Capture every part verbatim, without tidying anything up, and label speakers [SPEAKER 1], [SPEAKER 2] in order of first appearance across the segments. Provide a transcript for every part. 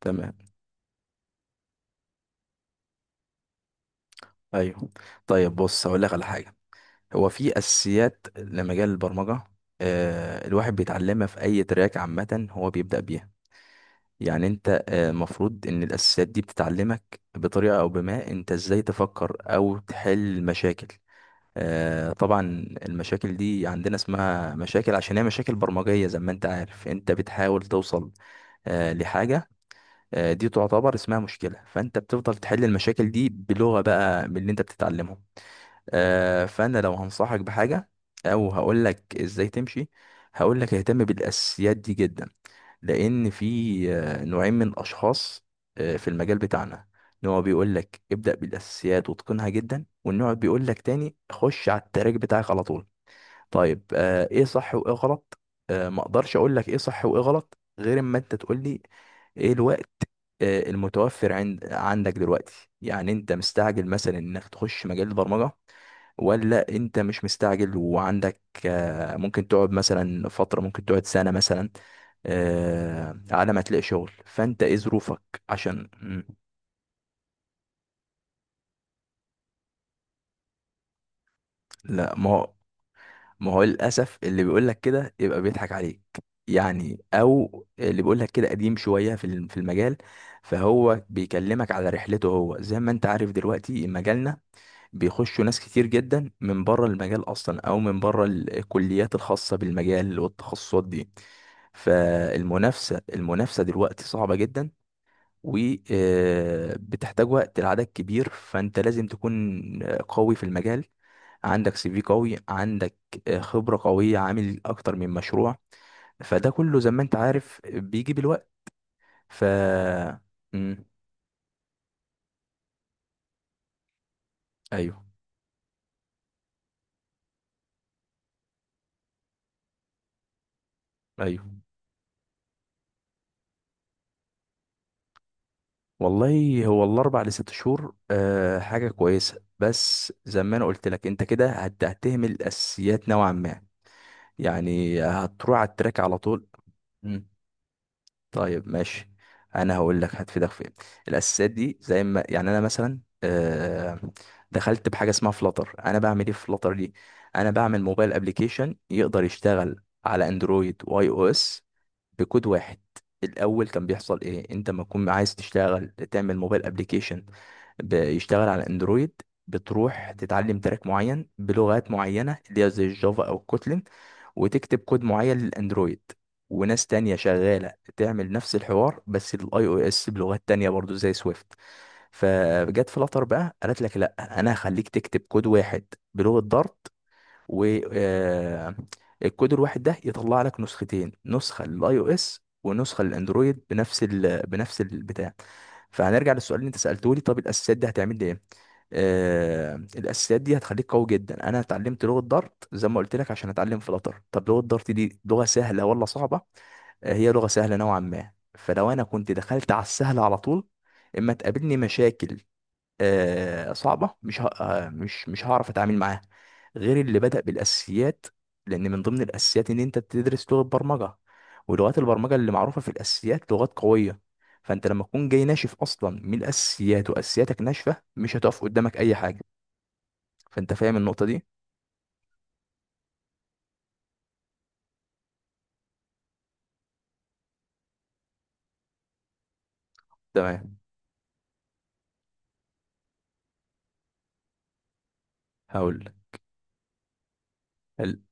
[SPEAKER 1] تمام. ايوه. طيب بص، هقول لك على حاجه. هو في اساسيات لمجال البرمجه آه الواحد بيتعلمها في اي تراك، عامه هو بيبدا بيها. يعني انت، آه، المفروض ان الاساسيات دي بتتعلمك بطريقه، او بما انت ازاي تفكر او تحل مشاكل. آه طبعا. المشاكل دي عندنا اسمها مشاكل عشان هي مشاكل برمجيه. زي ما انت عارف، انت بتحاول توصل آه لحاجه، آه، دي تعتبر اسمها مشكله، فانت بتفضل تحل المشاكل دي بلغه بقى من اللي انت بتتعلمه. آه، فانا لو هنصحك بحاجه او هقول لك ازاي تمشي، هقول لك اهتم بالاساسيات دي جدا. لان في آه، نوعين من الاشخاص آه، في المجال بتاعنا. نوع بيقول لك ابدا بالاساسيات واتقنها جدا، والنوع بيقول لك تاني خش على التراك بتاعك على طول. طيب آه، ايه صح وايه غلط؟ آه، ما اقدرش اقول لك ايه صح وايه غلط غير اما انت تقول لي ايه الوقت آه، المتوفر عند عندك دلوقتي. يعني انت مستعجل مثلا انك تخش مجال البرمجه، ولا انت مش مستعجل وعندك آه، ممكن تقعد مثلا فترة، ممكن تقعد سنة مثلا آه، على ما تلاقي شغل؟ فانت ايه ظروفك؟ عشان مم، لا ما هو ما هو للأسف اللي بيقول لك كده يبقى بيضحك عليك، يعني. او اللي بيقول لك كده قديم شوية في الم- في المجال، فهو بيكلمك على رحلته هو. زي ما انت عارف، دلوقتي مجالنا بيخشوا ناس كتير جدا من بره المجال اصلا، او من بره ال- الكليات الخاصه بالمجال والتخصصات دي. فالمنافسه المنافسه دلوقتي صعبه جدا، وبتحتاج وقت لعدد كبير. فانت لازم تكون آه، قوي في المجال، عندك سي في قوي، عندك آه، خبره قويه، عامل اكتر من مشروع. فده كله زي ما انت عارف بيجي بالوقت. ف مم. ايوه. ايوه، والله هو الاربع لست شهور آه حاجه كويسه، بس زي ما انا قلت لك، انت كده هت- هتهمل الاساسيات نوعا ما، يعني هتروح على التراك على طول. مم. طيب ماشي، انا هقول لك هتفيدك في ايه. الاساسيات دي زي ما، يعني انا مثلا آه دخلت بحاجه اسمها فلاتر. انا بعمل ايه في فلاتر دي؟ انا بعمل موبايل ابلكيشن يقدر يشتغل على اندرويد واي او اس بكود واحد. الاول كان بيحصل ايه؟ انت ما تكون عايز تشتغل تعمل موبايل ابلكيشن بيشتغل على اندرويد، بتروح تتعلم تراك معين بلغات معينه اللي هي زي الجافا او الكوتلين، وتكتب كود معين للاندرويد. وناس تانية شغالة تعمل نفس الحوار بس للاي او اس بلغات تانية برضو زي سويفت. فجت فلاتر بقى قالت لك لا، انا هخليك تكتب كود واحد بلغة دارت، والكود الواحد ده يطلع لك نسختين، نسخه للاي او اس ونسخه للاندرويد بنفس ال... بنفس البتاع. فهنرجع للسؤال اللي انت سالته لي، طب الاساسيات دي هتعمل لي ايه؟ آه الاساسيات دي هتخليك قوي جدا. انا اتعلمت لغه دارت زي ما قلت لك عشان اتعلم فلاتر. طب لغه دارت دي لغه سهله ولا صعبه؟ آه هي لغه سهله نوعا ما. فلو انا كنت دخلت على السهل على طول، اما تقابلني مشاكل آه، صعبة، مش ه... آه، مش مش هعرف اتعامل معاها، غير اللي بدأ بالاساسيات. لان من ضمن الاساسيات ان انت تدرس لغة برمجة، ولغات البرمجة اللي معروفة في الاساسيات لغات قوية. فانت لما تكون جاي ناشف اصلا من الاساسيات، واساسياتك ناشفة، مش هتقف قدامك اي حاجة. فانت فاهم النقطة دي؟ تمام، هقول لك. ال-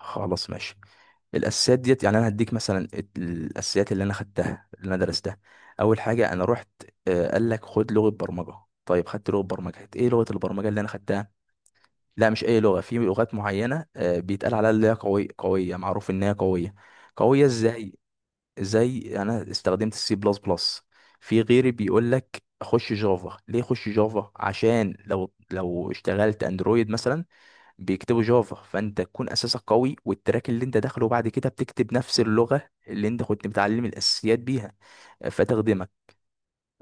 [SPEAKER 1] خلاص ماشي. الاساسيات ديت، يعني انا هديك مثلا ات- الاساسيات اللي انا خدتها، اللي انا درستها. اول حاجه انا رحت آه، قال لك خد لغه برمجه. طيب خدت لغه برمجه، هت- ايه لغه البرمجه اللي انا خدتها؟ لا مش اي لغه، في لغات معينه آه، بيتقال عليها اللي هي قويه قويه، معروف ان هي قويه. قويه ازاي؟ زي انا استخدمت السي بلس بلس. في غيري بيقول لك خش جافا. ليه خش جافا؟ عشان لو لو اشتغلت اندرويد مثلا بيكتبوا جافا، فانت تكون اساسك قوي، والتراك اللي انت داخله بعد كده بتكتب نفس اللغه اللي انت كنت متعلم الاساسيات بيها، آه، فتخدمك.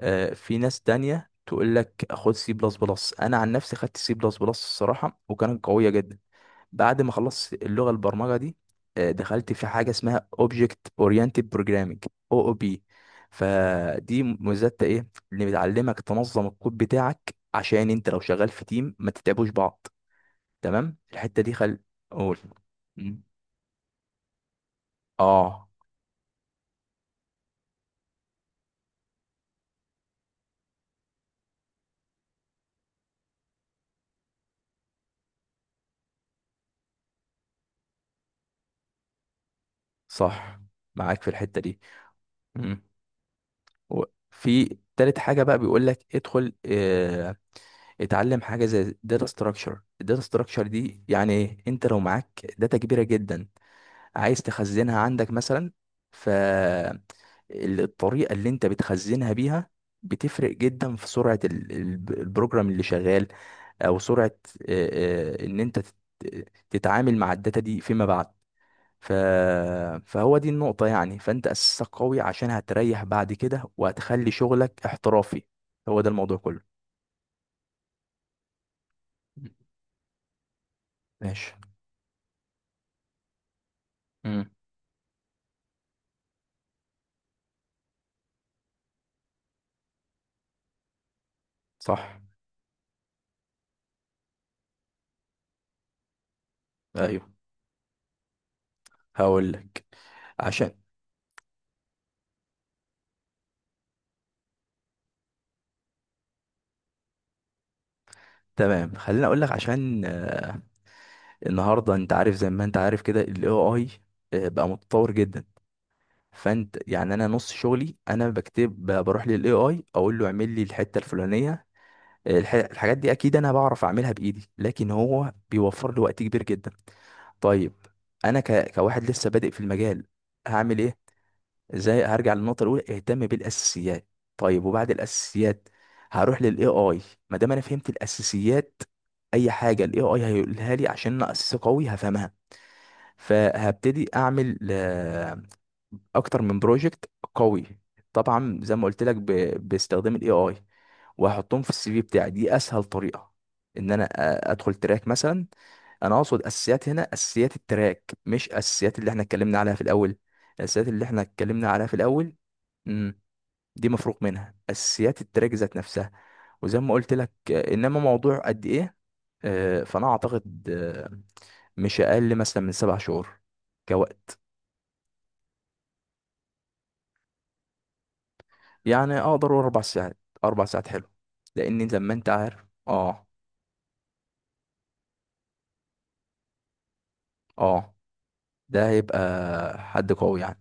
[SPEAKER 1] آه، في ناس تانية تقول لك خد سي بلس بلس. انا عن نفسي خدت سي بلس بلس الصراحه، وكانت قويه جدا. بعد ما خلصت اللغه البرمجه دي، آه، دخلت في حاجه اسمها اوبجكت اورينتد بروجرامنج، او او بي. فدي ميزتها ايه؟ اللي بتعلمك تنظم الكود بتاعك، عشان انت لو شغال في تيم ما تتعبوش بعض. تمام الحتة دي، خل، قول. مم. اه. صح، معاك في الحتة دي. مم. وفي تالت حاجة بقى بيقول لك ادخل اه اتعلم حاجة زي داتا ستراكشر. الداتا ستراكشر دي يعني ايه؟ انت لو معاك داتا كبيرة جدا عايز تخزنها عندك مثلا، ف ال- الطريقة اللي انت بتخزنها بيها بتفرق جدا في سرعة ال- ال- البروجرام اللي شغال، او سرعة اه، اه، ان انت تت- تتعامل مع الداتا دي فيما بعد. ف... فهو دي النقطة، يعني. فأنت أساسك قوي، عشان هتريح بعد كده وهتخلي شغلك احترافي. هو ده الموضوع كله. ماشي. امم. صح. أيوه، هقول لك. عشان تمام خليني أقول لك عشان آه، النهاردة أنت عارف، زي ما أنت عارف كده، ال ايه اي آه، بقى متطور جدا. فأنت يعني، أنا نص شغلي أنا بكتب ب- بروح لل إيه آي أقول له اعمل لي الحتة الفلانية. الح- الحاجات دي اكيد انا بعرف اعملها بايدي، لكن هو بيوفر لي وقت كبير جدا. طيب انا ك... كواحد لسه بادئ في المجال، هعمل ايه؟ ازاي؟ هرجع للنقطه الاولى، اهتم بالاساسيات. طيب وبعد الاساسيات؟ هروح للاي اي. ما دام انا فهمت الاساسيات، اي حاجه الاي اي هيقولها لي عشان انا اساس قوي هفهمها. فهبتدي اعمل آه، اكتر من بروجكت قوي، طبعا زي ما قلت لك، ب... باستخدام الاي اي. وهحطهم في السي في بتاعي، دي اسهل طريقه ان انا أ- ادخل تراك مثلا. انا اقصد اساسيات هنا اساسيات التراك، مش اساسيات اللي احنا اتكلمنا عليها في الاول. الاساسيات اللي احنا اتكلمنا عليها في الاول، امم، دي مفروغ منها. اساسيات التراك ذات نفسها، وزي ما قلت لك آه، انما موضوع قد ايه؟ آه، فانا اعتقد آه، مش اقل مثلا من سبع شهور كوقت. يعني اقدر أقول اربع ساعات. اربع ساعات حلو، لان زي ما انت عارف اه، اه، ده هيبقى حد قوي يعني.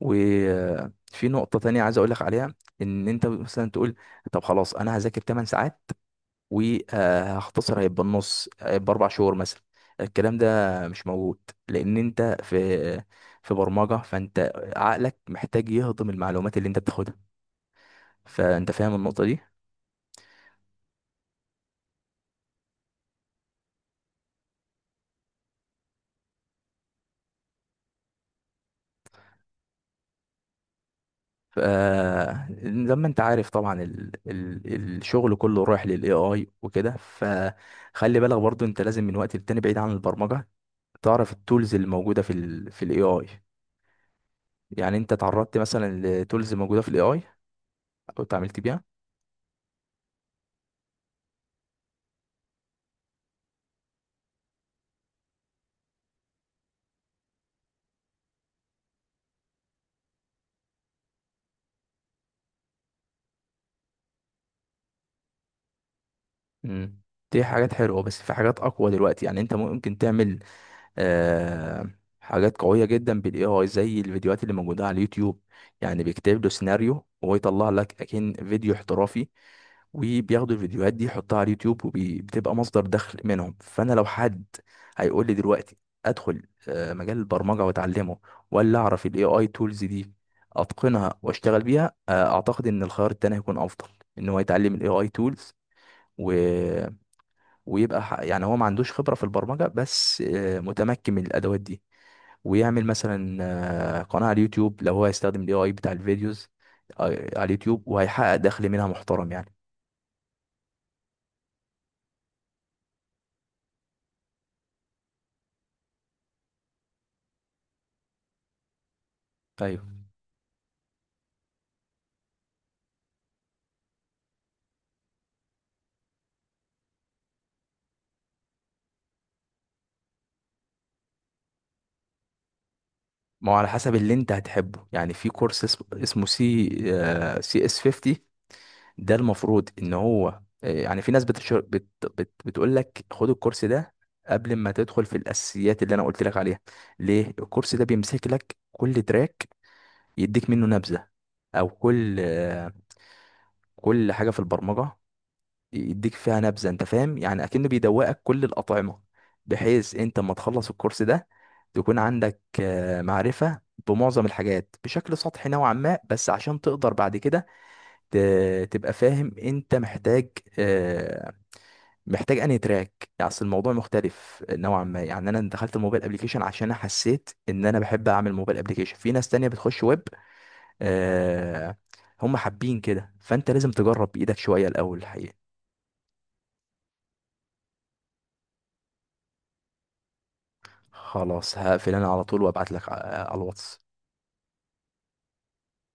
[SPEAKER 1] وفي نقطة تانية عايز اقول لك عليها. ان انت مثلا تقول طب خلاص انا هذاكر تمن ساعات وهختصر، هيبقى النص، هيبقى اربع شهور مثلا. الكلام ده مش موجود، لان انت في في برمجة، فانت عقلك محتاج يهضم المعلومات اللي انت بتاخدها. فانت فاهم النقطة دي؟ ف زي ما انت عارف طبعا ال... ال... الشغل كله رايح للاي اي وكده. فخلي بالك برضو، انت لازم من وقت للتاني، بعيد عن البرمجه، تعرف التولز اللي موجوده في ال... في الاي اي. يعني انت تعرضت مثلا لتولز موجوده في الاي اي، او اتعاملت بيها؟ امم، دي حاجات حلوه، بس في حاجات اقوى دلوقتي. يعني انت ممكن تعمل آه... حاجات قويه جدا بالاي اي، زي الفيديوهات اللي موجوده على اليوتيوب. يعني بيكتب له سيناريو وهو يطلع لك اكن فيديو احترافي، وبياخدوا الفيديوهات دي يحطها على اليوتيوب وبتبقى مصدر دخل منهم. فانا لو حد هيقول لي دلوقتي ادخل آه، مجال البرمجه واتعلمه، ولا اعرف الاي اي تولز دي اتقنها واشتغل بيها، آه، اعتقد ان الخيار التاني هيكون افضل، ان هو يتعلم الاي اي تولز. و... ويبقى ح- يعني هو ما عندوش خبره في البرمجه، بس آه، متمكن من الادوات دي، ويعمل مثلا آه، قناه على اليوتيوب لو هو هيستخدم الاي اي بتاع الفيديوز آه، على اليوتيوب، وهيحقق دخل منها محترم يعني. أيوة. ما هو على حسب اللي انت هتحبه. يعني في كورس اس- اسمه سي آه، سي اس خمسين. ده المفروض ان هو آه، يعني في ناس بتشر... بت... بت... بتقول لك خد الكورس ده قبل ما تدخل في الاساسيات اللي انا قلت لك عليها. ليه الكورس ده؟ بيمسك لك كل تراك يديك منه نبذة، او كل آه، كل حاجة في البرمجة يديك فيها نبذه. انت فاهم؟ يعني اكنه بيدوقك كل الاطعمه، بحيث انت ما تخلص الكورس ده تكون عندك آه، معرفه بمعظم الحاجات بشكل سطحي نوعا ما، بس عشان تقدر بعد كده ت- تبقى فاهم انت محتاج آه، محتاج انهي تراك. يعني اصل الموضوع مختلف نوعا ما. يعني انا دخلت الموبايل ابلكيشن عشان انا حسيت ان انا بحب اعمل موبايل ابلكيشن، في ناس تانية بتخش ويب آه، هم حابين كده. فانت لازم تجرب بايدك شويه الاول الحقيقه. خلاص هقفل انا على طول، وابعت لك على على الواتس